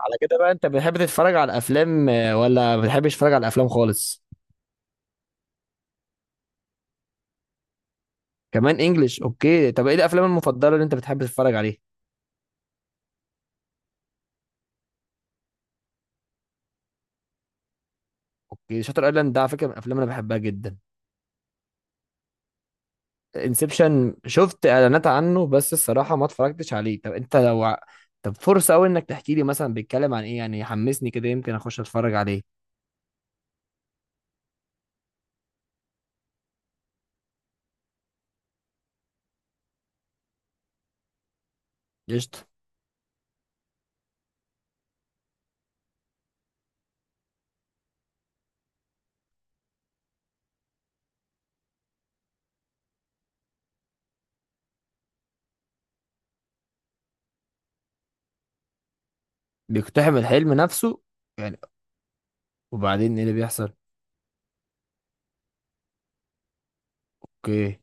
على كده بقى انت بتحب تتفرج على الافلام ولا ما بتحبش تتفرج على الافلام خالص؟ كمان انجليش، اوكي. طب ايه الافلام المفضله اللي انت بتحب تتفرج عليها؟ اوكي، شاتر ايلاند ده على فكره من الافلام اللي انا بحبها جدا. انسبشن، شفت اعلانات عنه بس الصراحه ما اتفرجتش عليه. طب انت لو ع-. طب فرصه قوي انك تحكي لي مثلا بيتكلم عن ايه، يعني حمسني كده يمكن اخش اتفرج عليه. قشطه. بيقتحم الحلم نفسه يعني؟ وبعدين ايه اللي بيحصل؟ اوكي.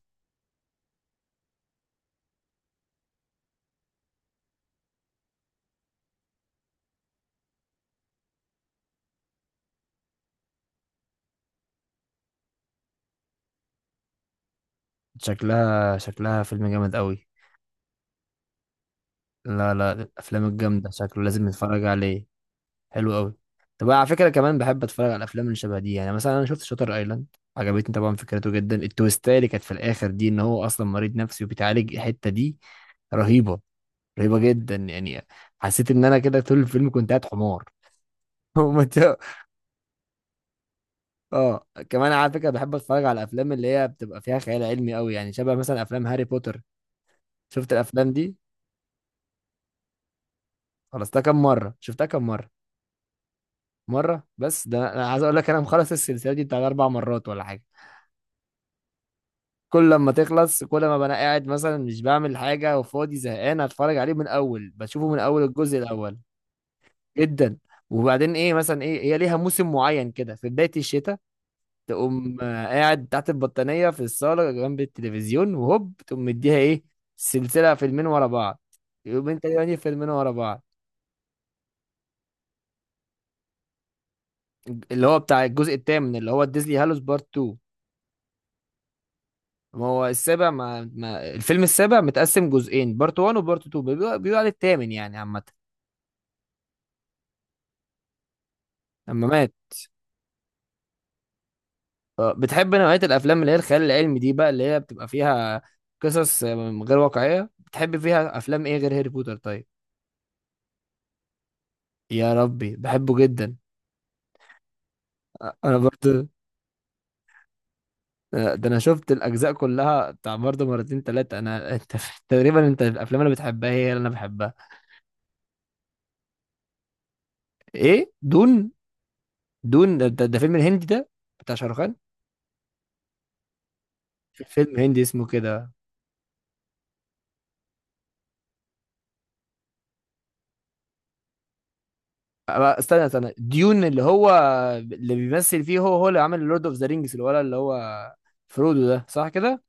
شكلها فيلم جامد قوي. لا لا، الافلام الجامده شكله لازم نتفرج عليه. حلو قوي. طب على فكره كمان بحب اتفرج على الافلام اللي شبه دي، يعني مثلا انا شفت شاتر ايلاند، عجبتني طبعا. فكرته جدا التويستايه اللي كانت في الاخر دي، ان هو اصلا مريض نفسي وبيتعالج، الحته دي رهيبه، رهيبه جدا يعني. حسيت ان انا كده طول الفيلم كنت قاعد حمار. ومت-. اه كمان على فكره بحب اتفرج على الافلام اللي هي بتبقى فيها خيال علمي قوي، يعني شبه مثلا افلام هاري بوتر. شفت الافلام دي؟ خلصتها كم مره؟ شفتها كم مره؟ مره بس؟ ده انا عايز اقول لك انا مخلص السلسله دي بتاع اربع مرات ولا حاجه. كل لما تخلص، كل ما ببقى انا قاعد مثلا مش بعمل حاجه وفاضي زهقان، اتفرج عليه من اول، بشوفه من اول الجزء الاول. جدا. وبعدين ايه مثلا، ايه هي ليها موسم معين كده في بدايه الشتاء، تقوم قاعد تحت البطانيه في الصاله جنب التلفزيون وهوب تقوم مديها ايه. سلسله فيلمين ورا بعض، يومين تاني فيلمين ورا بعض. اللي هو بتاع الجزء الثامن اللي هو ديزلي هالوس بارت 2. ما هو السابع، ما الفيلم السابع متقسم جزئين، بارت 1 وبارت 2. بيقول عليه الثامن يعني عامه. اما مات. بتحب نوعية الأفلام اللي هي الخيال العلمي دي بقى، اللي هي بتبقى فيها قصص غير واقعية؟ بتحب فيها أفلام إيه غير هاري بوتر طيب؟ يا ربي بحبه جدا. آه، أنا برضه. آه، ده أنا شفت الأجزاء كلها بتاع برضه مرتين تلاتة أنا. أنت تقريبا أنت الأفلام اللي بتحبها هي اللي أنا بحبها. إيه دون؟ دون ده فيلم الهندي ده؟ بتاع شاروخان؟ في فيلم هندي اسمه كده. آه، استنى استنى ديون اللي هو اللي بيمثل فيه، هو هو اللي عمل لورد اوف ذا رينجز، الولد اللي هو فرودو ده صح كده؟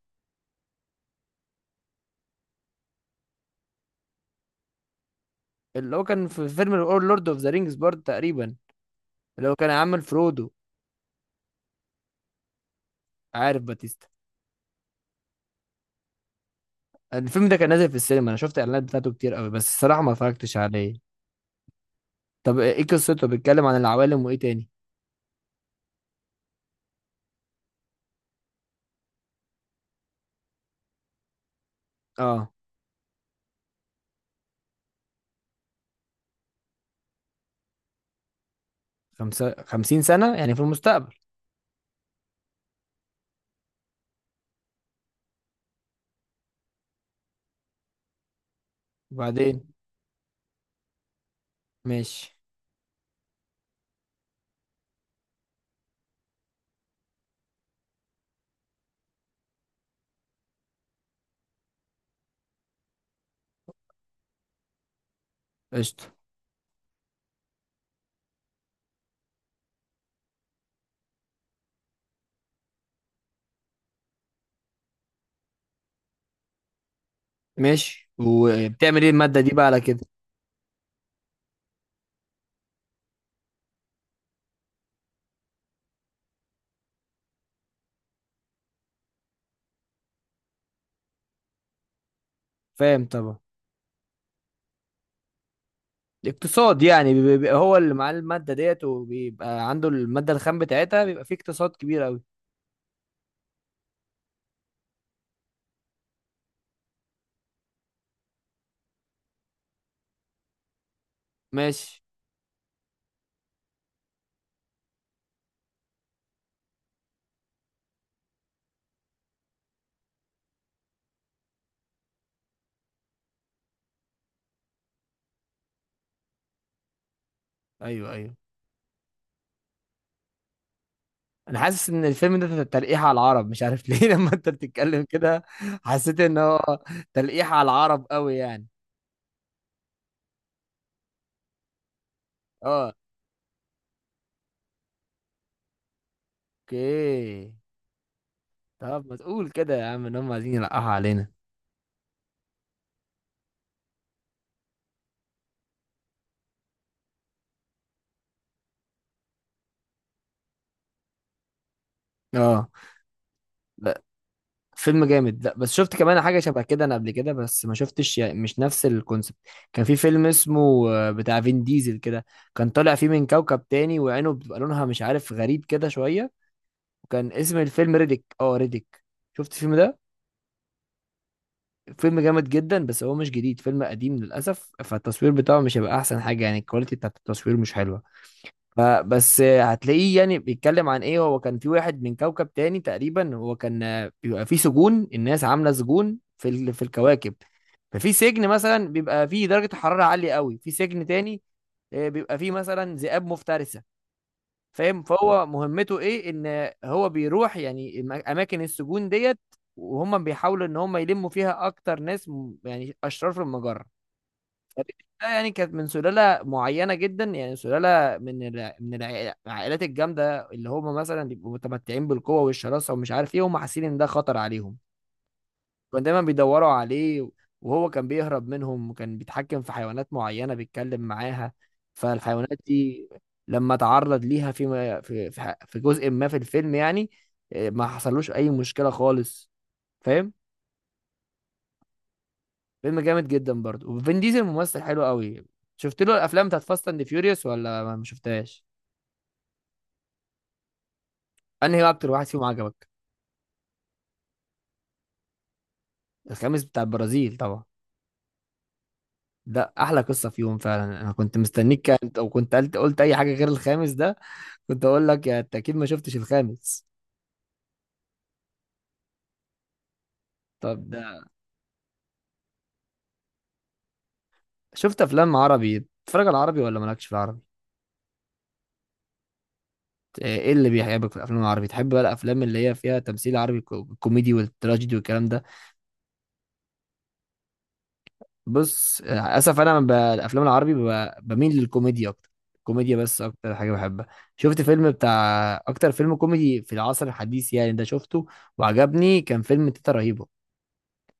اللي هو كان في فيلم لورد اوف ذا رينجز برضه تقريبا، اللي هو كان عامل فرودو. عارف باتيستا؟ الفيلم ده كان نازل في السينما، انا شفت الاعلانات بتاعته كتير قوي بس الصراحه ما اتفرجتش عليه. طب ايه قصته؟ بيتكلم عن العوالم وايه تاني؟ اه. خمسة خمسين سنه يعني في المستقبل؟ وبعدين. ماشي. قشطه. ماشي وبتعمل ايه الماده دي بقى على كده؟ فاهم طبعا. اقتصاد يعني، بيبقى هو اللي معاه الماده ديت وبيبقى عنده الماده الخام بتاعتها، بيبقى فيه اقتصاد كبير قوي. ماشي. ايوه ايوه. انا حاسس ان الفيلم ده تلقيح على العرب، مش عارف ليه. لما انت بتتكلم كده حسيت ان هو تلقيح على العرب قوي يعني. اه، اوكي. طب ما تقول كده يا عم ان هم عايزين يلقحوا علينا. اه، لا فيلم جامد. لا بس شفت كمان حاجه شبه كده انا قبل كده بس ما شفتش، يعني مش نفس الكونسبت. كان في فيلم اسمه بتاع فين ديزل كده. كان طالع فيه من كوكب تاني وعينه بتبقى لونها مش عارف غريب كده شويه. وكان اسم الفيلم ريديك، اه ريديك. شفت الفيلم ده؟ فيلم جامد جدا بس هو مش جديد، فيلم قديم للأسف، فالتصوير بتاعه مش هيبقى أحسن حاجة، يعني الكواليتي بتاعت التصوير مش حلوة. فبس هتلاقيه يعني بيتكلم عن إيه. هو كان في واحد من كوكب تاني تقريبا، هو كان بيبقى فيه سجون، الناس عاملة سجون في الكواكب. ففي سجن مثلا بيبقى فيه درجة حرارة عالية قوي، في سجن تاني بيبقى فيه مثلا ذئاب مفترسة. فاهم؟ فهو مهمته ايه، ان هو بيروح يعني اماكن السجون ديت. وهم بيحاولوا ان هم يلموا فيها اكتر ناس يعني اشرار في المجره. فبالتالي، يعني كانت من سلاله معينه جدا، يعني سلاله العائلات الجامده اللي هم مثلا بيبقوا متمتعين بالقوه والشراسه ومش عارف ايه، هم حاسين ان ده خطر عليهم. كانوا دايما بيدوروا عليه. وهو كان بيهرب منهم، وكان بيتحكم في حيوانات معينة بيتكلم معاها. فالحيوانات دي لما تعرض ليها في جزء ما في الفيلم يعني إيه، ما حصلوش أي مشكلة خالص. فاهم. فيلم جامد جدا برضه، وفين ديزل ممثل حلو قوي. شفت له الأفلام بتاعت فاست أند فيوريوس ولا ما شفتهاش؟ أنهي أكتر واحد فيهم عجبك؟ الخامس بتاع البرازيل طبعا. ده أحلى قصة فيهم فعلا، أنا كنت مستنيك، أو كنت قلت أي حاجة غير الخامس ده. كنت اقول لك يعني انت اكيد ما شفتش الخامس. طب ده. شفت افلام عربي؟ بتتفرج على العربي ولا مالكش في العربي؟ إيه اللي بيحبك في الافلام العربي؟ تحب بقى الافلام اللي هي فيها تمثيل عربي الكوميدي والتراجيدي والكلام ده؟ بص اسف انا الافلام العربي بميل للكوميديا اكتر. الكوميديا بس اكتر حاجه بحبها. شفت فيلم بتاع اكتر فيلم كوميدي في العصر الحديث يعني ده؟ شفته وعجبني، كان فيلم تيتا رهيبه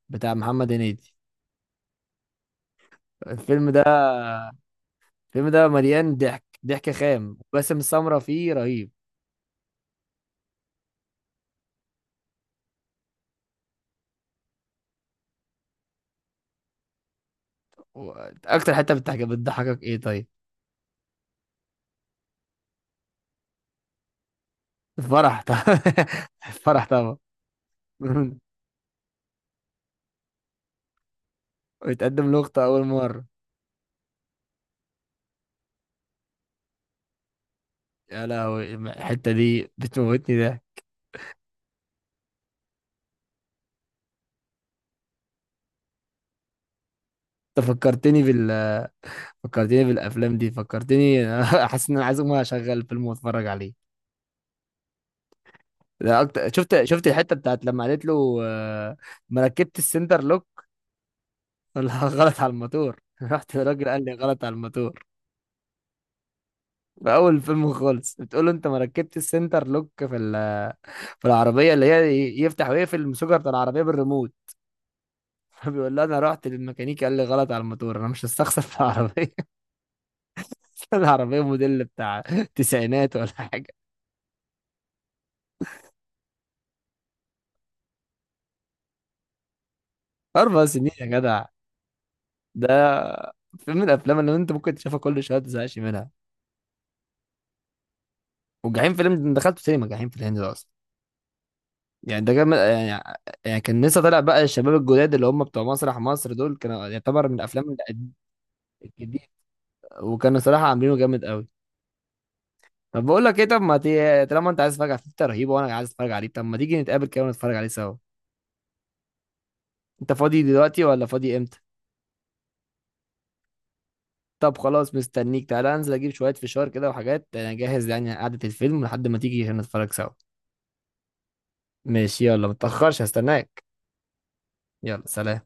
بتاع محمد هنيدي. الفيلم ده الفيلم ده مليان ضحك ضحك خام، وباسم سمرة فيه رهيب. و- اكتر حته بتضحكك ايه طيب؟ الفرح طبعا. الفرح طبعا. ويتقدم لقطة اول مره. يا لهوي الحته دي بتموتني ده. انت فكرتني فكرتني بالافلام دي، فكرتني. حاسس ان انا عايز اقوم اشغل فيلم واتفرج عليه. ده اكتر، شفت الحته بتاعت لما قالت له ما ركبت السنتر لوك ولا غلط على الموتور؟ رحت الراجل قال لي غلط على الموتور. في اول الفيلم خالص بتقول له انت ما ركبتش السنتر لوك في العربيه اللي هي يفتح ويقفل المسوجه بتاع العربيه بالريموت. فبيقول لها انا رحت للميكانيكي قال لي غلط على الموتور، انا مش هستخسر في العربيه. العربيه موديل بتاع تسعينات ولا حاجه. اربع سنين يا جدع؟ ده فيلم من الافلام اللي انت ممكن تشوفها كل شويه ما تزهقش منها. وجحيم فيلم ده، أنا دخلته سينما جحيم في الهند ده اصلا. يعني ده كان يعني كان لسه طالع بقى، الشباب الجداد اللي هم بتوع مسرح مصر دول كانوا يعتبر من الافلام القديمه. وكانوا صراحة عاملينه جامد قوي. طب بقول لك ايه، طب ما تي... طالما انت عايز تتفرج على فيفتا رهيبة وانا عايز اتفرج عليه، طب ما تيجي نتقابل كده ونتفرج عليه سوا؟ انت فاضي دلوقتي ولا فاضي امتى؟ طب خلاص مستنيك، تعالى انزل اجيب شوية فشار كده وحاجات، انا جاهز يعني قعدة الفيلم لحد ما تيجي هنا نتفرج سوا. ماشي يلا، متأخرش هستناك. يلا سلام.